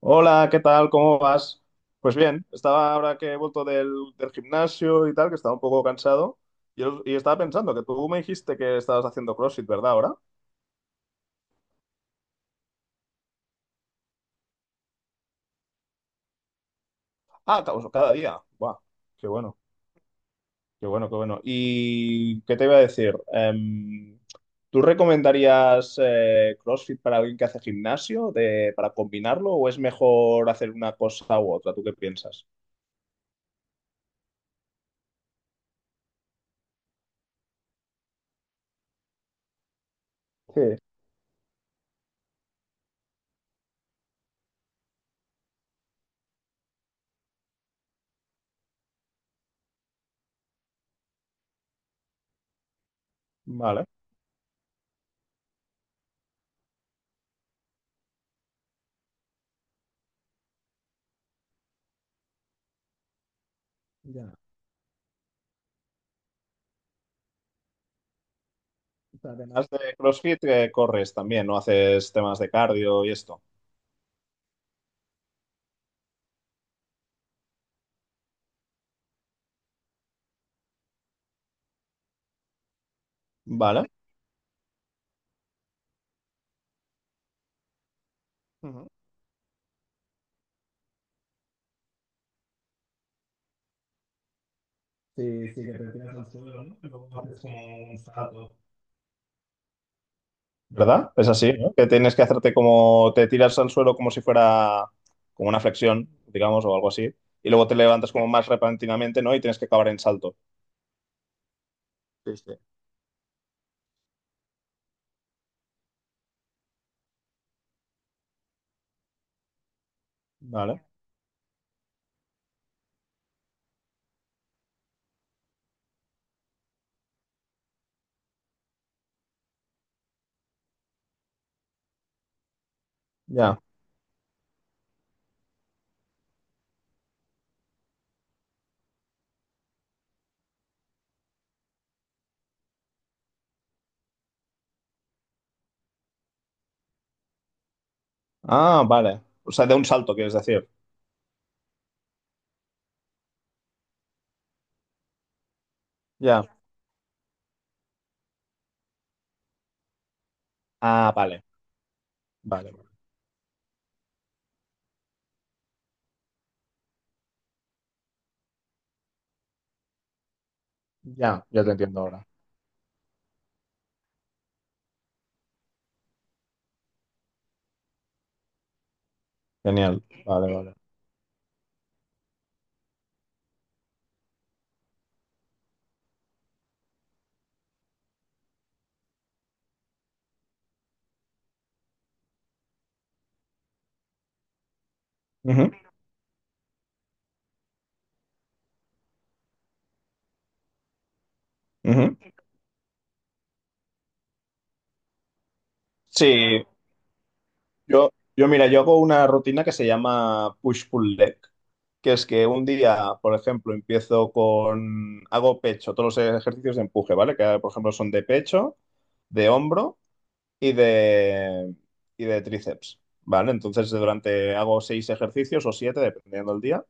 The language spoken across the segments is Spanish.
Hola, ¿qué tal? ¿Cómo vas? Pues bien, estaba ahora que he vuelto del gimnasio y tal, que estaba un poco cansado, y estaba pensando que tú me dijiste que estabas haciendo CrossFit, ¿verdad? Ahora. Pues cada día. Buah, qué bueno, qué bueno, qué bueno. ¿Y qué te iba a decir? ¿Tú recomendarías CrossFit para alguien que hace gimnasio, de, para combinarlo, o es mejor hacer una cosa u otra? ¿Tú qué piensas? Sí, vale. Además de CrossFit, corres también, ¿no? Haces temas de cardio y esto. Vale. Ujú. Sí, sí, que te tiras al suelo, ¿no? Y luego haces como un salto. ¿Verdad? Es así, ¿no? Que tienes que hacerte como, te tiras al suelo como si fuera como una flexión, digamos, o algo así, y luego te levantas como más repentinamente, ¿no? Y tienes que acabar en salto. Sí, sí. Vale, ya. Ah, vale. O sea, de un salto, quieres decir. Ya. Ah, vale, vale, vale. Ya, ya te entiendo ahora. Genial. Vale, vale. Ujú, ujú. Sí, yo mira, yo hago una rutina que se llama push-pull leg, que es que un día, por ejemplo, empiezo con, hago pecho, todos los ejercicios de empuje, ¿vale? Que, por ejemplo, son de pecho, de hombro y de, y de tríceps, ¿vale? Entonces, durante, hago seis ejercicios o siete, dependiendo del día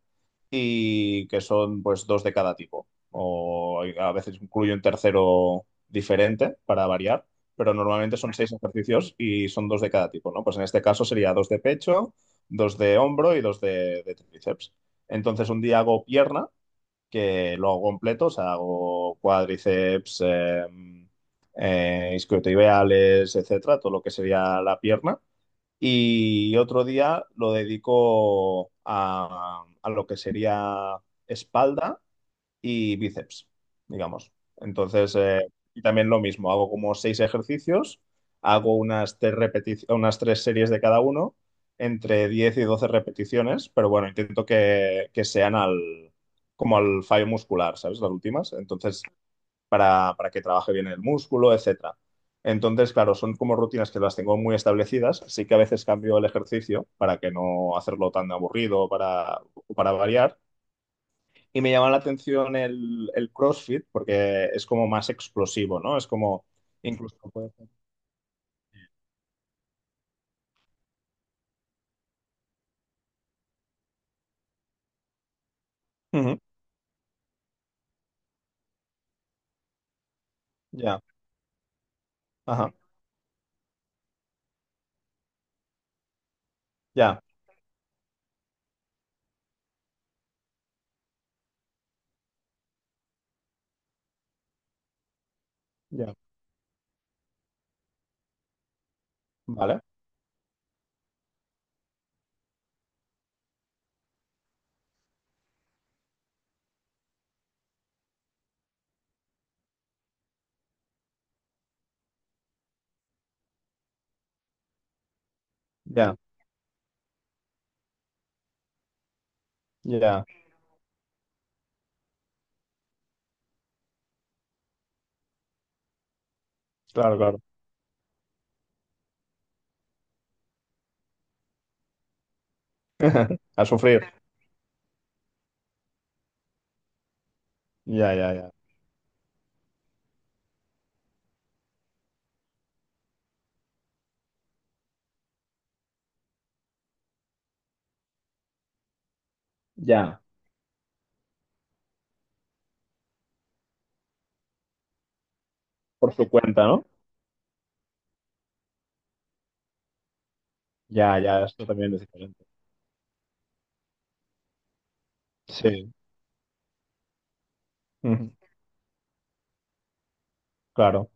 y que son pues dos de cada tipo. O a veces incluyo un tercero diferente para variar, pero normalmente son seis ejercicios y son dos de cada tipo, ¿no? Pues en este caso sería dos de pecho, dos de hombro y de tríceps. Entonces un día hago pierna, que lo hago completo, o sea, hago cuádriceps, isquiotibiales, etcétera, todo lo que sería la pierna y otro día lo dedico a lo que sería espalda y bíceps, digamos. Entonces, y también lo mismo, hago como seis ejercicios, hago unas tres series de cada uno, entre 10 y 12 repeticiones, pero bueno, intento que sean como al fallo muscular, ¿sabes? Las últimas. Entonces, para que trabaje bien el músculo, etcétera. Entonces, claro, son como rutinas que las tengo muy establecidas. Sí que a veces cambio el ejercicio para que no hacerlo tan aburrido, para variar. Y me llama la atención el CrossFit porque es como más explosivo, ¿no? Es como incluso puede ser- Ujú, ya, ajá, ya, ya, vale, ya, ya, claro, claro. A sufrir. Ya, ya, ya. Ya, por su cuenta, ¿no? Ya, ya, esto también es diferente. Sí, ujú, claro.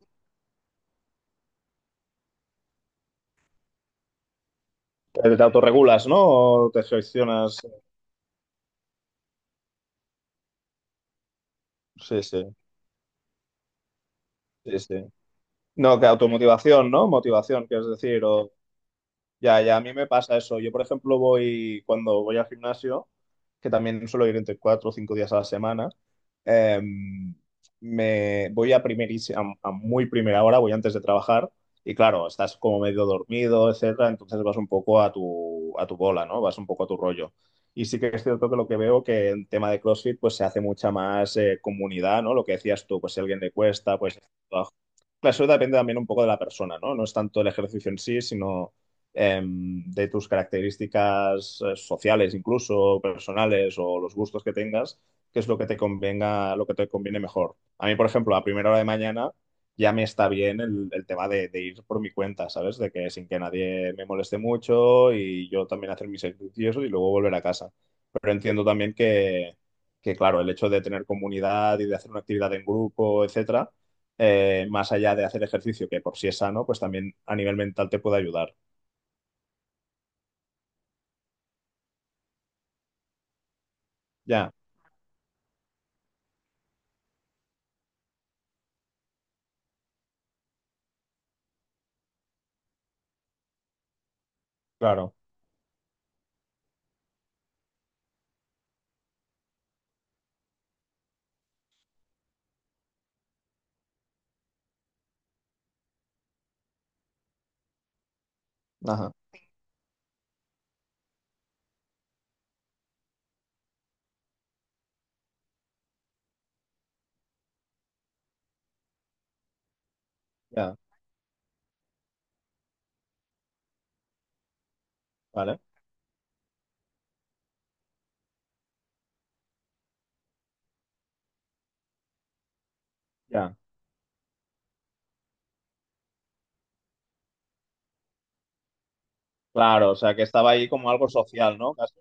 Te autorregulas, ¿no? O te gestionas. Sí, sí, sí, sí. No, que automotivación, ¿no? Motivación, quieres decir, o ya, ya, a mí me pasa eso. Yo, por ejemplo, voy cuando voy al gimnasio, que también suelo ir entre cuatro o cinco días a la semana, eh, me voy a primerísima, a muy primera hora, voy antes de trabajar y claro, estás como medio dormido, etcétera, entonces vas un poco a tu bola, ¿no? Vas un poco a tu rollo. Y sí que es cierto que lo que veo que en tema de CrossFit pues se hace mucha más comunidad, ¿no? Lo que decías tú, pues si a alguien le cuesta, pues... Claro, eso depende también un poco de la persona, ¿no? No es tanto el ejercicio en sí, sino de tus características sociales, incluso personales o los gustos que tengas, qué es lo que te convenga, lo que te conviene mejor. A mí, por ejemplo, a primera hora de mañana ya me está bien el tema de ir por mi cuenta, ¿sabes? De que sin que nadie me moleste mucho y yo también hacer mis ejercicios y luego volver a casa. Pero entiendo también que claro, el hecho de tener comunidad y de hacer una actividad en grupo, etcétera, más allá de hacer ejercicio, que por sí es sano, pues también a nivel mental te puede ayudar. Ya, claro, ajá, ya, vale, ya. Claro, o sea, que estaba ahí como algo social, ¿no? Casi.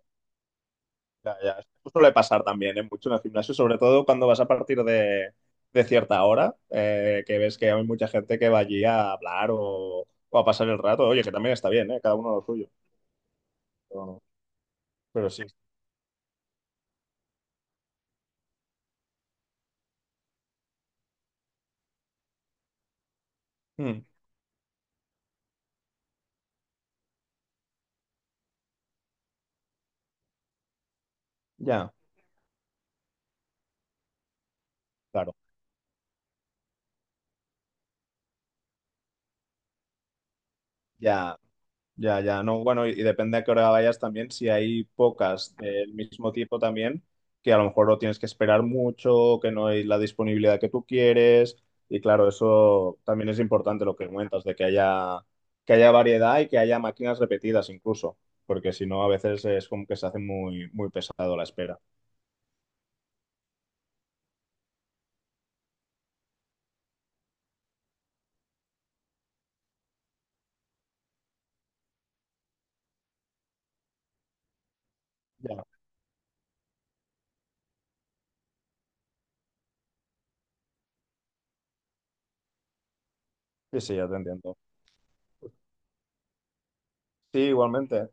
Ya, ya. Esto suele pasar también, ¿eh? Mucho en el gimnasio, sobre todo cuando vas a partir de cierta hora, que ves que hay mucha gente que va allí a hablar o a pasar el rato. Oye, que también está bien, ¿eh? Cada uno lo suyo. Pero, pero sí. Mm, ya, claro, ya. Ya, ya, no, bueno, y depende a qué hora vayas también, si hay pocas del mismo tipo también, que a lo mejor lo tienes que esperar mucho, que no hay la disponibilidad que tú quieres, y claro, eso también es importante lo que cuentas, de que haya variedad y que haya máquinas repetidas incluso, porque si no, a veces es como que se hace muy, muy pesado la espera. Ya. Sí, sí, ya te entiendo. Sí, igualmente.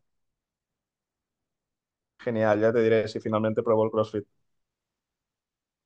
Genial, ya te diré si finalmente pruebo el CrossFit.